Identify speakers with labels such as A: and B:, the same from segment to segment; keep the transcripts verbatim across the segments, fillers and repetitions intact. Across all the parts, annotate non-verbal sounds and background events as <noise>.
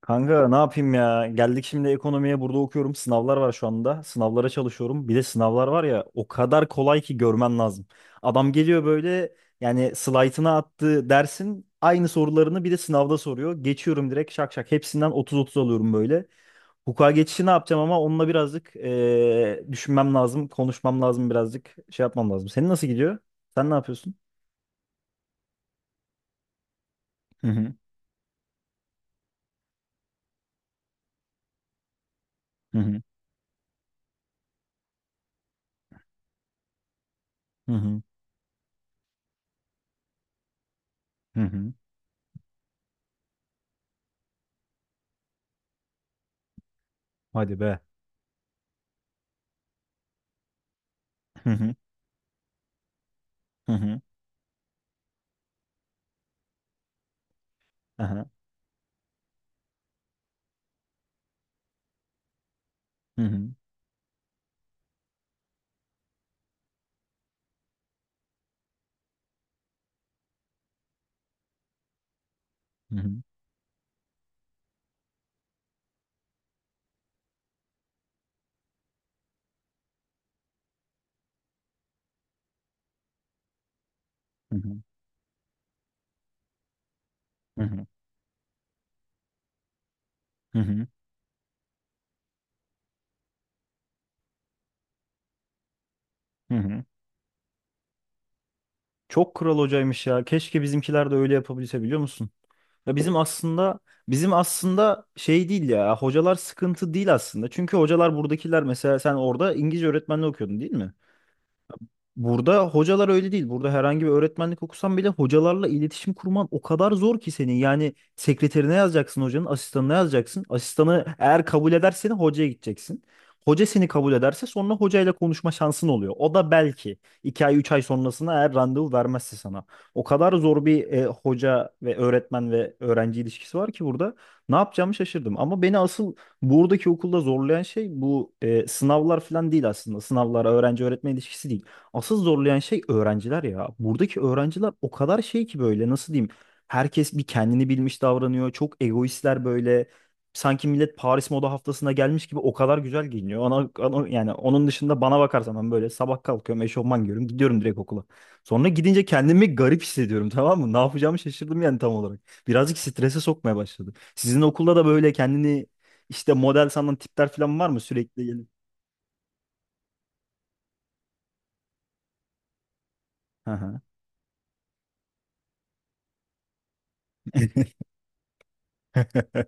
A: Kanka ne yapayım ya? Geldik şimdi ekonomiye burada okuyorum. Sınavlar var şu anda. Sınavlara çalışıyorum. Bir de sınavlar var ya o kadar kolay ki görmen lazım. Adam geliyor böyle yani slaytına attığı dersin aynı sorularını bir de sınavda soruyor. Geçiyorum direkt şak şak. Hepsinden otuz otuz alıyorum böyle. Hukuka geçişi ne yapacağım ama onunla birazcık eee, düşünmem lazım. Konuşmam lazım birazcık. Şey yapmam lazım. Senin nasıl gidiyor? Sen ne yapıyorsun? Hı hı. Hı hı. Hı hı. Hı hı. Hadi be. Hı hı. Hı hı. Aha. Hı hı. Hı hı. Hı hı, hı hı, hı hı, hı hı. Çok kral hocaymış ya. Keşke bizimkiler de öyle yapabilse biliyor musun? Ya bizim aslında bizim aslında şey değil ya. Hocalar sıkıntı değil aslında. Çünkü hocalar buradakiler mesela sen orada İngilizce öğretmenliği okuyordun değil mi? Burada hocalar öyle değil. Burada herhangi bir öğretmenlik okusan bile hocalarla iletişim kurman o kadar zor ki senin. Yani sekreterine yazacaksın hocanın, asistanına yazacaksın. Asistanı eğer kabul ederse hocaya gideceksin. Hoca seni kabul ederse sonra hocayla konuşma şansın oluyor. O da belki iki ay üç ay sonrasına eğer randevu vermezse sana. O kadar zor bir e, hoca ve öğretmen ve öğrenci ilişkisi var ki burada. Ne yapacağımı şaşırdım. Ama beni asıl buradaki okulda zorlayan şey bu e, sınavlar falan değil aslında. Sınavlar, öğrenci öğretmen ilişkisi değil. Asıl zorlayan şey öğrenciler ya. Buradaki öğrenciler o kadar şey ki böyle nasıl diyeyim? Herkes bir kendini bilmiş davranıyor. Çok egoistler böyle. Sanki millet Paris Moda Haftası'na gelmiş gibi o kadar güzel giyiniyor. Ona, ona- yani onun dışında bana bakarsan ben böyle sabah kalkıyorum, eşofman giyiyorum, gidiyorum direkt okula. Sonra gidince kendimi garip hissediyorum <laughs> tamam mı? Ne yapacağımı şaşırdım yani tam olarak. Birazcık strese sokmaya başladı. Sizin okulda da böyle kendini işte model sanan tipler falan var mı sürekli gelip? Hı hı. <laughs>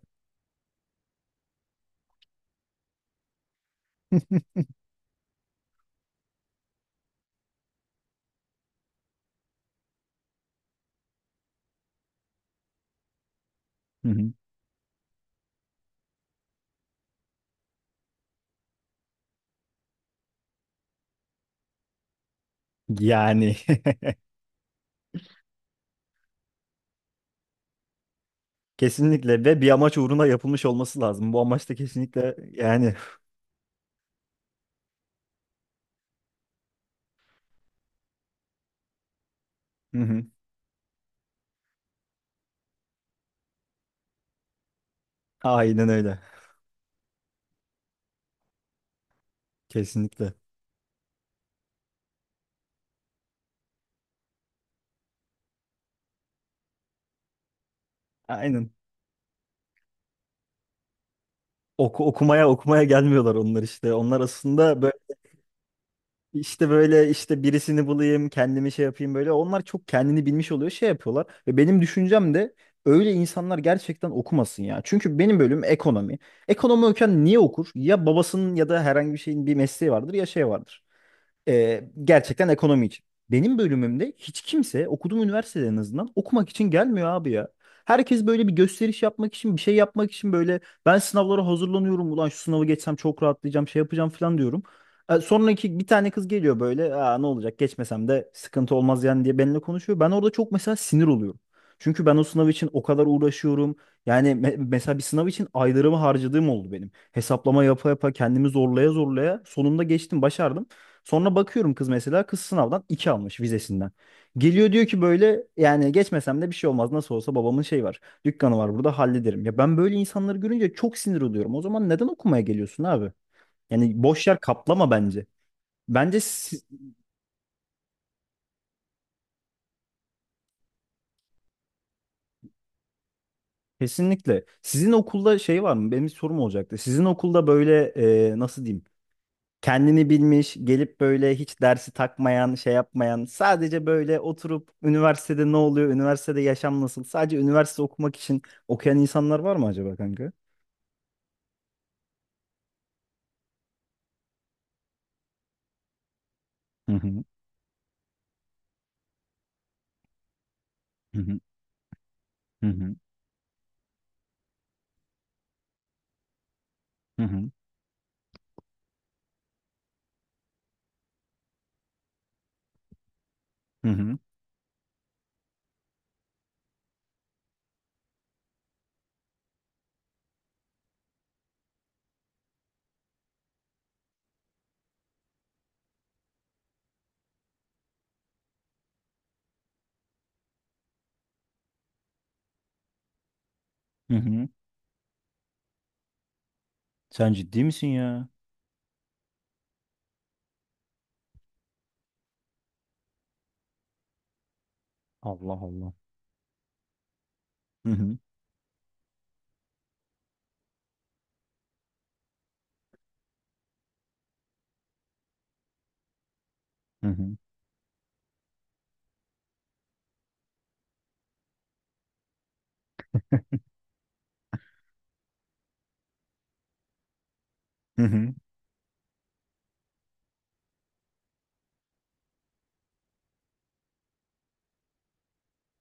A: Hı hı. Yani kesinlikle ve bir amaç uğruna yapılmış olması lazım. Bu amaç da kesinlikle yani <laughs> hı hı, aynen öyle. Kesinlikle. Aynen. Oku, okumaya okumaya gelmiyorlar onlar işte. Onlar aslında böyle işte böyle işte birisini bulayım, kendimi şey yapayım böyle. Onlar çok kendini bilmiş oluyor, şey yapıyorlar. Ve benim düşüncem de öyle insanlar gerçekten okumasın ya. Çünkü benim bölüm ekonomi. Ekonomi okuyan niye okur? Ya babasının ya da herhangi bir şeyin bir mesleği vardır ya şey vardır. Ee, gerçekten ekonomi için. Benim bölümümde hiç kimse okuduğum üniversitede en azından okumak için gelmiyor abi ya. Herkes böyle bir gösteriş yapmak için, bir şey yapmak için böyle ben sınavlara hazırlanıyorum. Ulan şu sınavı geçsem çok rahatlayacağım, şey yapacağım falan diyorum. Ee, sonraki bir tane kız geliyor böyle aa, ne olacak geçmesem de sıkıntı olmaz yani diye benimle konuşuyor. Ben orada çok mesela sinir oluyorum. Çünkü ben o sınav için o kadar uğraşıyorum. Yani me- mesela bir sınav için aylarımı harcadığım oldu benim. Hesaplama yapa yapa kendimi zorlaya zorlaya sonunda geçtim, başardım. Sonra bakıyorum kız mesela kız sınavdan iki almış vizesinden. Geliyor diyor ki böyle yani geçmesem de bir şey olmaz nasıl olsa babamın şey var. Dükkanı var burada hallederim. Ya ben böyle insanları görünce çok sinir oluyorum. O zaman neden okumaya geliyorsun abi? Yani boş yer kaplama bence. Bence siz- Kesinlikle. Sizin okulda şey var mı? Benim bir sorum olacaktı. Sizin okulda böyle e, nasıl diyeyim? Kendini bilmiş, gelip böyle hiç dersi takmayan, şey yapmayan, sadece böyle oturup üniversitede ne oluyor, üniversitede yaşam nasıl, sadece üniversite okumak için okuyan insanlar var mı acaba kanka? Hı hı, hı hı, hı hı, hı hı, hı hı, hı hı. Sen ciddi misin ya? Allah Allah. Hı hı, hı hı, hı hı,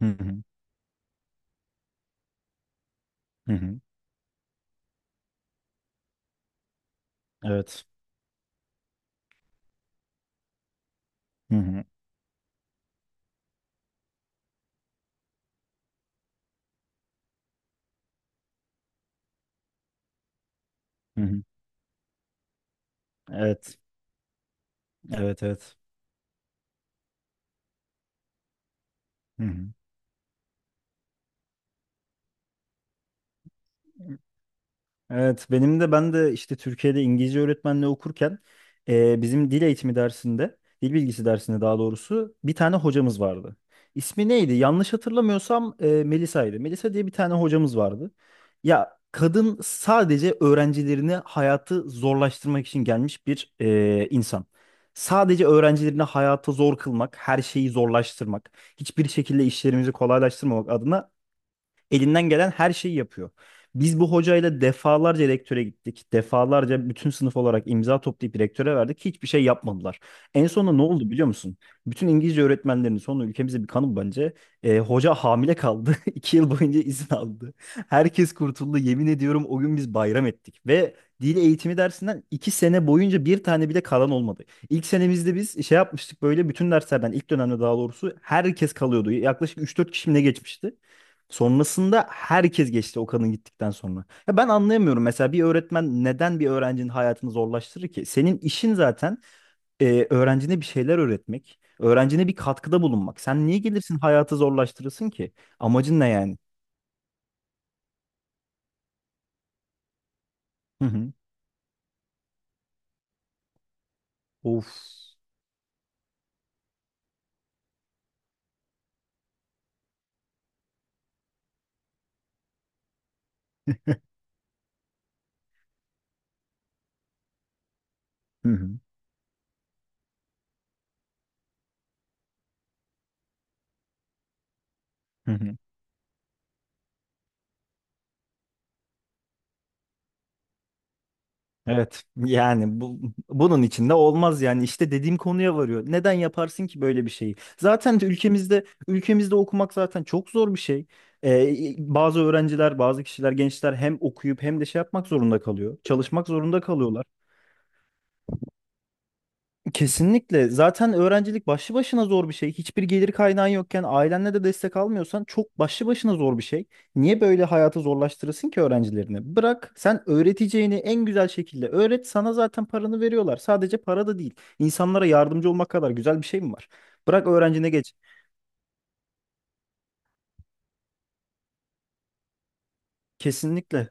A: hı hı, hı hı. Evet. Hı hı, hı hı. Evet. Evet, evet. Hı hı. Evet, benim de ben de işte Türkiye'de İngilizce öğretmenliği okurken e, bizim dil eğitimi dersinde, dil bilgisi dersinde daha doğrusu bir tane hocamız vardı. İsmi neydi? Yanlış hatırlamıyorsam e, Melisa'ydı. Melisa diye bir tane hocamız vardı. Ya kadın sadece öğrencilerini hayatı zorlaştırmak için gelmiş bir e, insan. Sadece öğrencilerini hayata zor kılmak, her şeyi zorlaştırmak, hiçbir şekilde işlerimizi kolaylaştırmamak adına elinden gelen her şeyi yapıyor. Biz bu hocayla defalarca rektöre gittik. Defalarca bütün sınıf olarak imza toplayıp rektöre verdik. Hiçbir şey yapmadılar. En sonunda ne oldu biliyor musun? Bütün İngilizce öğretmenlerinin sonu ülkemize bir kanı bence. Ee, hoca hamile kaldı. <laughs> iki yıl boyunca izin aldı. Herkes kurtuldu. Yemin ediyorum o gün biz bayram ettik. Ve dil eğitimi dersinden iki sene boyunca bir tane bile kalan olmadı. İlk senemizde biz şey yapmıştık böyle bütün derslerden ilk dönemde daha doğrusu herkes kalıyordu. Yaklaşık üç dört kişi mi ne geçmişti. Sonrasında herkes geçti o kadın gittikten sonra. Ya ben anlayamıyorum mesela bir öğretmen neden bir öğrencinin hayatını zorlaştırır ki? Senin işin zaten e, öğrencine bir şeyler öğretmek, öğrencine bir katkıda bulunmak. Sen niye gelirsin hayatı zorlaştırırsın ki? Amacın ne yani? Hı hı. Of. Hı hı. Hı hı. Evet yani bu, bunun içinde olmaz yani işte dediğim konuya varıyor. Neden yaparsın ki böyle bir şeyi? Zaten de ülkemizde ülkemizde okumak zaten çok zor bir şey. Ee, bazı öğrenciler, bazı kişiler, gençler hem okuyup hem de şey yapmak zorunda kalıyor. Çalışmak zorunda kalıyorlar. Kesinlikle. Zaten öğrencilik başlı başına zor bir şey. Hiçbir gelir kaynağın yokken ailenle de destek almıyorsan çok başlı başına zor bir şey. Niye böyle hayatı zorlaştırırsın ki öğrencilerini? Bırak sen öğreteceğini en güzel şekilde öğret. Sana zaten paranı veriyorlar. Sadece para da değil. İnsanlara yardımcı olmak kadar güzel bir şey mi var? Bırak öğrencine geç. Kesinlikle.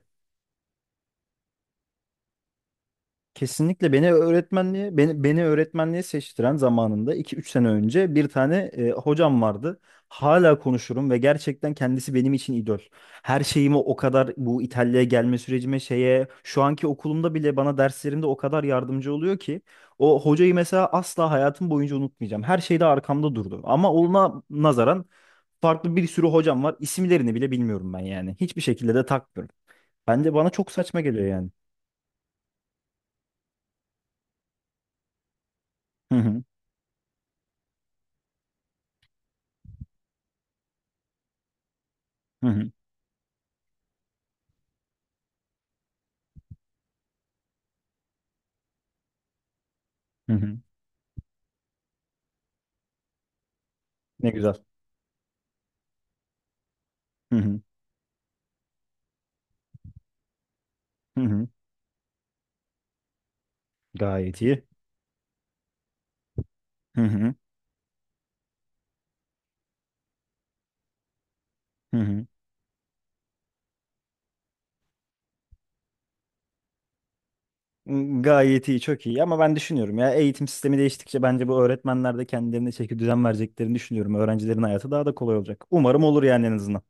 A: Kesinlikle beni öğretmenliğe beni, beni öğretmenliğe seçtiren zamanında iki üç sene önce bir tane e, hocam vardı. Hala konuşurum ve gerçekten kendisi benim için idol. Her şeyimi o kadar bu İtalya'ya gelme sürecime şeye şu anki okulumda bile bana derslerimde o kadar yardımcı oluyor ki o hocayı mesela asla hayatım boyunca unutmayacağım. Her şeyde arkamda durdu. Ama ona nazaran farklı bir sürü hocam var. İsimlerini bile bilmiyorum ben yani. Hiçbir şekilde de takmıyorum. Bence bana çok saçma geliyor yani. Hı hı. Hı hı. Hı hı. Ne güzel. Hı hı. Hı hı. Gayet iyi. Hı hı. Hı hı. Gayet iyi, çok iyi. Ama ben düşünüyorum ya eğitim sistemi değiştikçe bence bu öğretmenler de kendilerine çeki düzen vereceklerini düşünüyorum. Öğrencilerin hayatı daha da kolay olacak. Umarım olur yani en azından.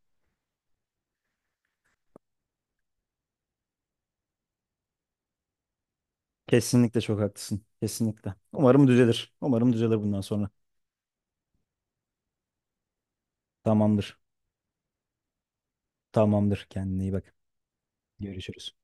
A: Kesinlikle çok haklısın. Kesinlikle. Umarım düzelir. Umarım düzelir bundan sonra. Tamamdır. Tamamdır. Kendine iyi bak. Görüşürüz.